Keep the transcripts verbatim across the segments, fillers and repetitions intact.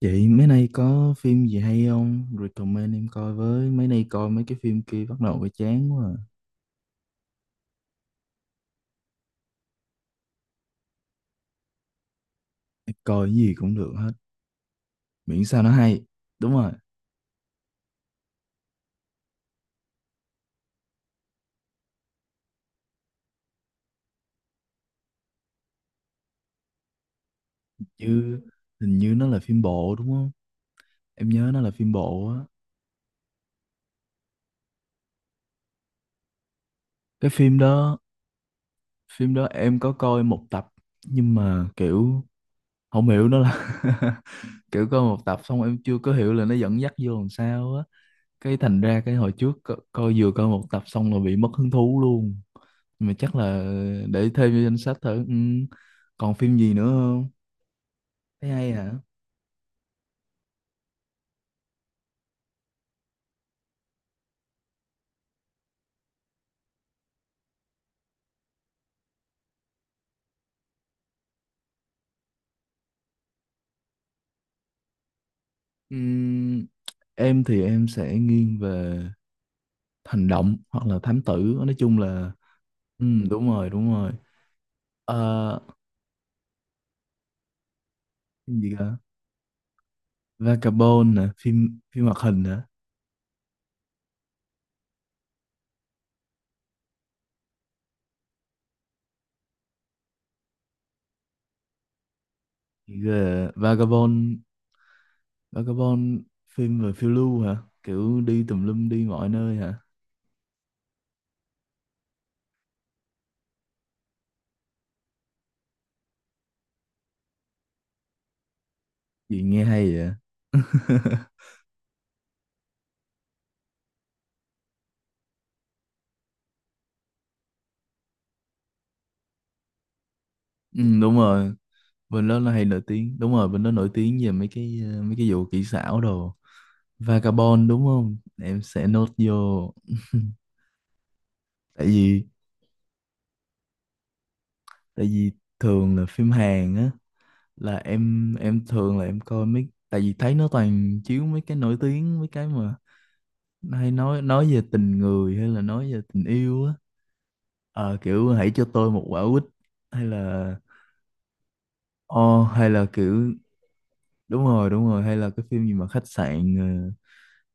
Chị mấy nay có phim gì hay không? Recommend em coi với. Mấy nay coi mấy cái phim kia bắt đầu bị chán quá. À. Em coi cái gì cũng được hết. Miễn sao nó hay. Đúng rồi. Như Hình như nó là phim bộ đúng không? Em nhớ nó là phim bộ á. Cái phim đó, phim đó em có coi một tập, nhưng mà kiểu không hiểu nó là kiểu coi một tập xong em chưa có hiểu là nó dẫn dắt vô làm sao á. cái thành ra cái hồi trước co coi vừa coi một tập xong là bị mất hứng thú luôn. Nhưng mà chắc là để thêm vô danh sách thử, ừ. Còn phim gì nữa không? Thấy hay hả? Ừ. em thì em sẽ nghiêng về hành động hoặc là thám tử, nói chung là ừ, đúng rồi đúng rồi. Ờ, phim gì cả. Vagabond nè, phim phim hoạt hình hả? Gì ghê à? Vagabond. Vagabond phim về phiêu lưu hả? Kiểu đi tùm lum đi mọi nơi hả? Gì nghe hay vậy. Ừ, đúng rồi, bên đó là hay nổi tiếng, đúng rồi, bên đó nổi tiếng về mấy cái ờ, mấy cái vụ kỹ xảo đồ. Vagabond đúng không? Em sẽ nốt vô. tại vì tại vì thường là phim Hàn á, là em em thường là em coi mấy, tại vì thấy nó toàn chiếu mấy cái nổi tiếng, mấy cái mà nó hay nói nói về tình người hay là nói về tình yêu á. Ờ, kiểu hãy cho tôi một quả quýt, hay là o hay là kiểu đúng rồi đúng rồi, hay là cái phim gì mà khách sạn ờ,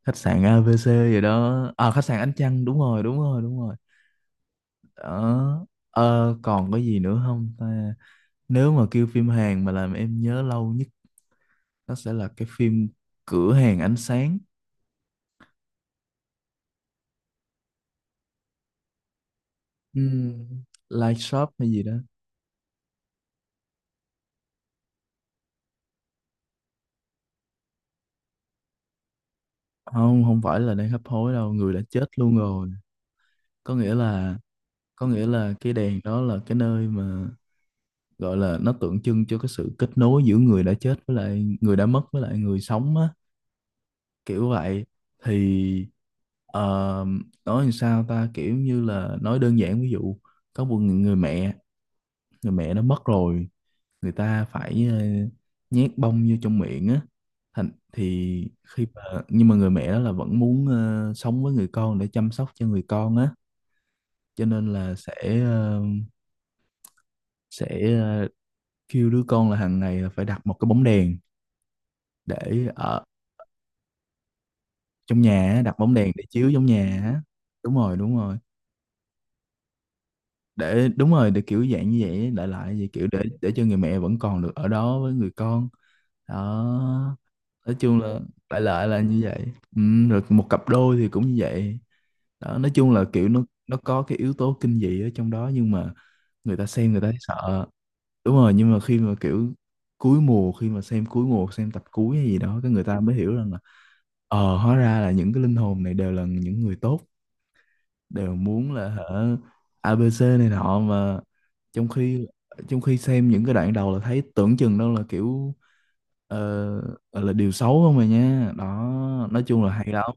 khách sạn a bê xê gì đó, à khách sạn Ánh Trăng đúng rồi đúng rồi đúng rồi đó. Ờ, còn có gì nữa không ta. Nếu mà kêu phim Hàn mà làm em nhớ lâu nhất, nó sẽ là cái phim Cửa hàng ánh sáng. Ừm, Light Shop hay gì đó. Không, không phải là đang hấp hối đâu, người đã chết luôn rồi. Có nghĩa là có nghĩa là cái đèn đó là cái nơi mà gọi là, nó tượng trưng cho cái sự kết nối giữa người đã chết với lại người đã mất với lại người sống á, kiểu vậy. Thì ờ, nói làm sao ta, kiểu như là nói đơn giản, ví dụ có một người, người mẹ, người mẹ nó mất rồi, người ta phải ờ, nhét bông vô trong miệng á. Thành thì khi mà Nhưng mà người mẹ đó là vẫn muốn ờ, sống với người con để chăm sóc cho người con á, cho nên là sẽ ờ, sẽ ờ, kêu đứa con là hàng ngày là phải đặt một cái bóng đèn để ở trong nhà á, đặt bóng đèn để chiếu trong nhà á. Đúng rồi đúng rồi, để đúng rồi, để kiểu dạng như vậy, đại loại vậy, kiểu để để cho người mẹ vẫn còn được ở đó với người con, đó. Nói chung là đại loại là như vậy, ừ, rồi một cặp đôi thì cũng như vậy đó. Nói chung là kiểu nó nó có cái yếu tố kinh dị ở trong đó nhưng mà người ta xem người ta thấy sợ, đúng rồi. Nhưng mà khi mà kiểu cuối mùa khi mà xem cuối mùa, xem tập cuối hay gì đó, cái người ta mới hiểu rằng là ờ hóa ra là những cái linh hồn này đều là những người tốt, đều muốn là hả, a bê xê này nọ mà. Trong khi trong khi xem những cái đoạn đầu là thấy tưởng chừng đâu là kiểu ờ, gọi là điều xấu không mà nha, đó. Nói chung là hay lắm.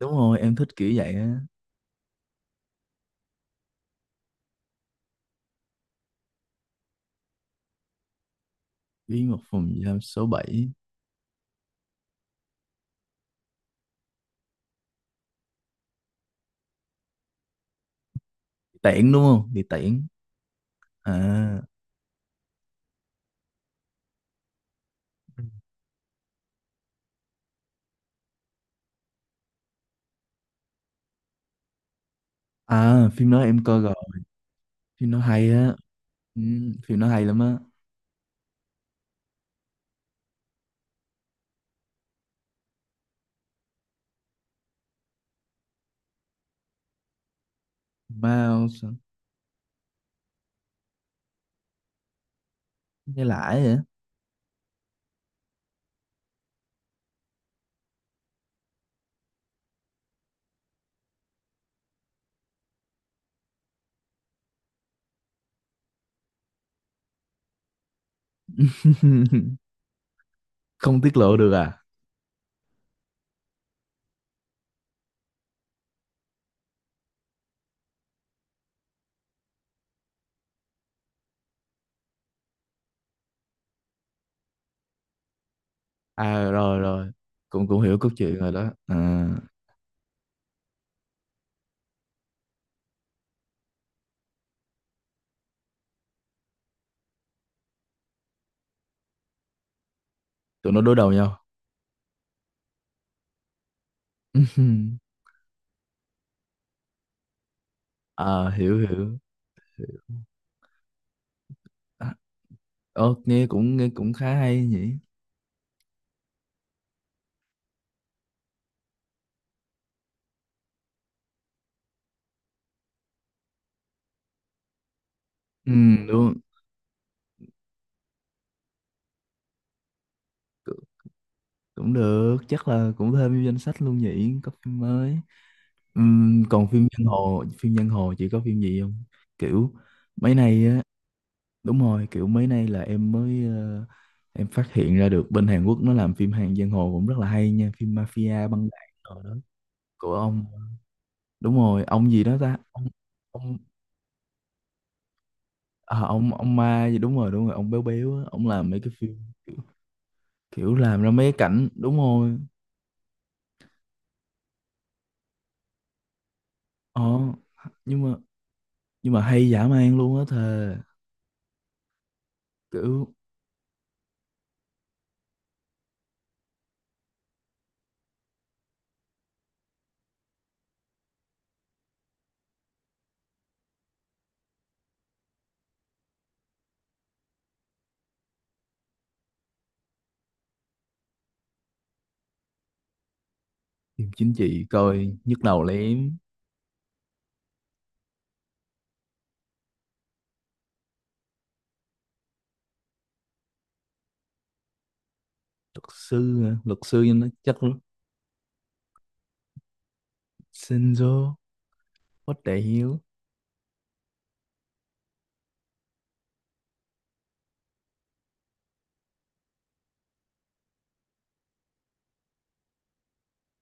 Đúng rồi, em thích kiểu vậy á. Bí mật phòng giam số bảy, tiễn đúng không, thì tiễn à. Ừ. À, phim đó em coi rồi, phim nó hay á, ừ, phim nó hay lắm á. Wow sao nghe lãi vậy. Không tiết lộ được à. À rồi rồi, cũng cũng hiểu cốt truyện rồi đó à. Tụi nó đối đầu nhau. Ờ, hiểu hiểu. À, ờ, nghe cũng nghe cũng khá hay nhỉ. Ừ, luôn cũng, cũng được, chắc là cũng thêm vô danh sách luôn nhỉ, có phim mới. Ừm, còn phim giang hồ, phim giang hồ chị có phim gì không? Kiểu mấy nay á, đúng rồi, kiểu mấy nay là em mới ờ, em phát hiện ra được bên Hàn Quốc nó làm phim hàng giang hồ cũng rất là hay nha, phim mafia băng đảng rồi đó của ông. Đúng rồi, ông gì đó ta? Ông ông à, ông ông ma gì đúng rồi, đúng rồi, ông béo béo á, ông làm mấy cái phim, kiểu làm ra mấy cái cảnh đúng rồi. ờ nhưng mà nhưng mà hay dã man luôn á thề. Kiểu phim chính trị coi nhức đầu lắm. Luật sư hả? Luật sư cho nó chắc lắm. Shinzo. What the hell?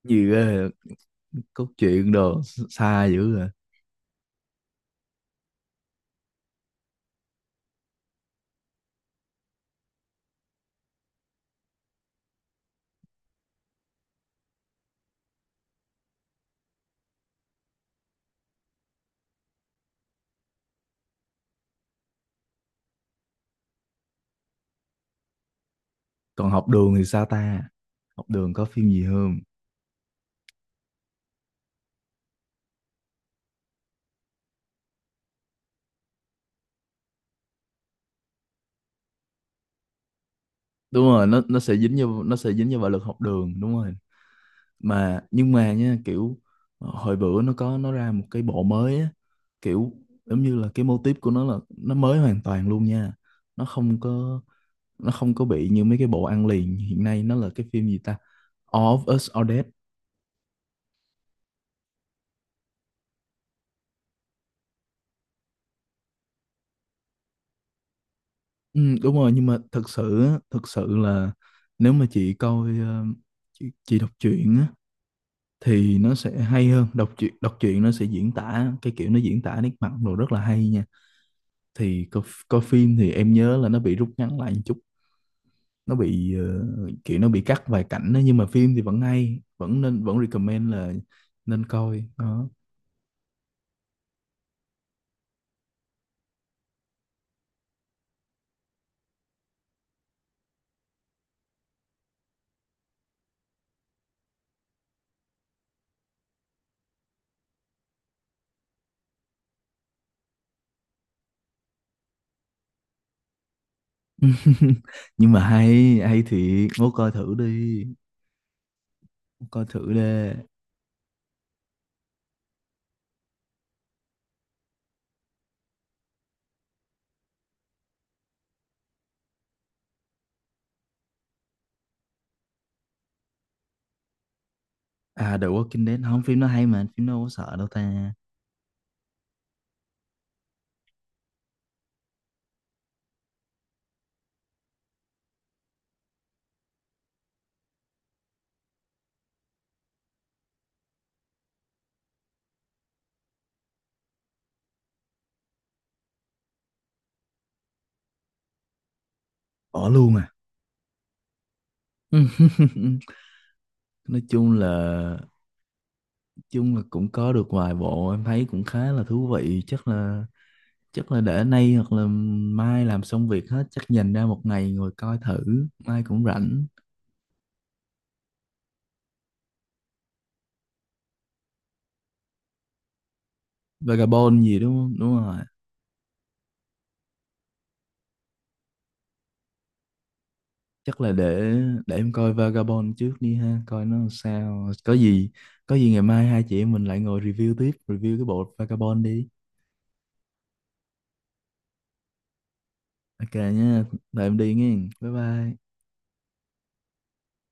Gì ghê vậy? Cốt truyện đồ xa dữ rồi. Còn học đường thì sao ta, học đường có phim gì không? Đúng rồi, nó nó sẽ dính vô nó sẽ dính vô bạo lực học đường đúng rồi. Mà nhưng mà nha, kiểu ờ, hồi bữa nó có nó ra một cái bộ mới á, kiểu giống như là cái mô típ của nó là nó mới hoàn toàn luôn nha. Nó không có nó không có bị như mấy cái bộ ăn liền hiện nay, nó là cái phim gì ta. All of Us Are Dead. Ừ, đúng rồi, nhưng mà thật sự á, thật sự là nếu mà chị coi ờ, chị, chị đọc truyện á, thì nó sẽ hay hơn đọc truyện. Đọc truyện nó sẽ diễn tả cái kiểu nó diễn tả nét mặt đồ rất là hay nha. Thì coi, coi, phim thì em nhớ là nó bị rút ngắn lại một chút, nó bị ờ, kiểu nó bị cắt vài cảnh đó, nhưng mà phim thì vẫn hay, vẫn nên, vẫn recommend là nên coi đó. Nhưng mà hay hay thì ngố coi thử đi, coi thử đi. À The Walking Dead không, phim nó hay mà, phim nó đâu có sợ đâu ta. Bỏ luôn à. nói chung là chung là cũng có được vài bộ em thấy cũng khá là thú vị, chắc là chắc là để nay hoặc là mai làm xong việc hết, chắc dành ra một ngày ngồi coi thử, mai cũng rảnh. Vagabond gì đúng không? Đúng rồi. Chắc là để để em coi Vagabond trước đi ha, coi nó sao. Có gì có gì ngày mai hai chị em mình lại ngồi review tiếp, review cái bộ Vagabond đi. Ok nhá. Tụi em đi nghe. Bye bye.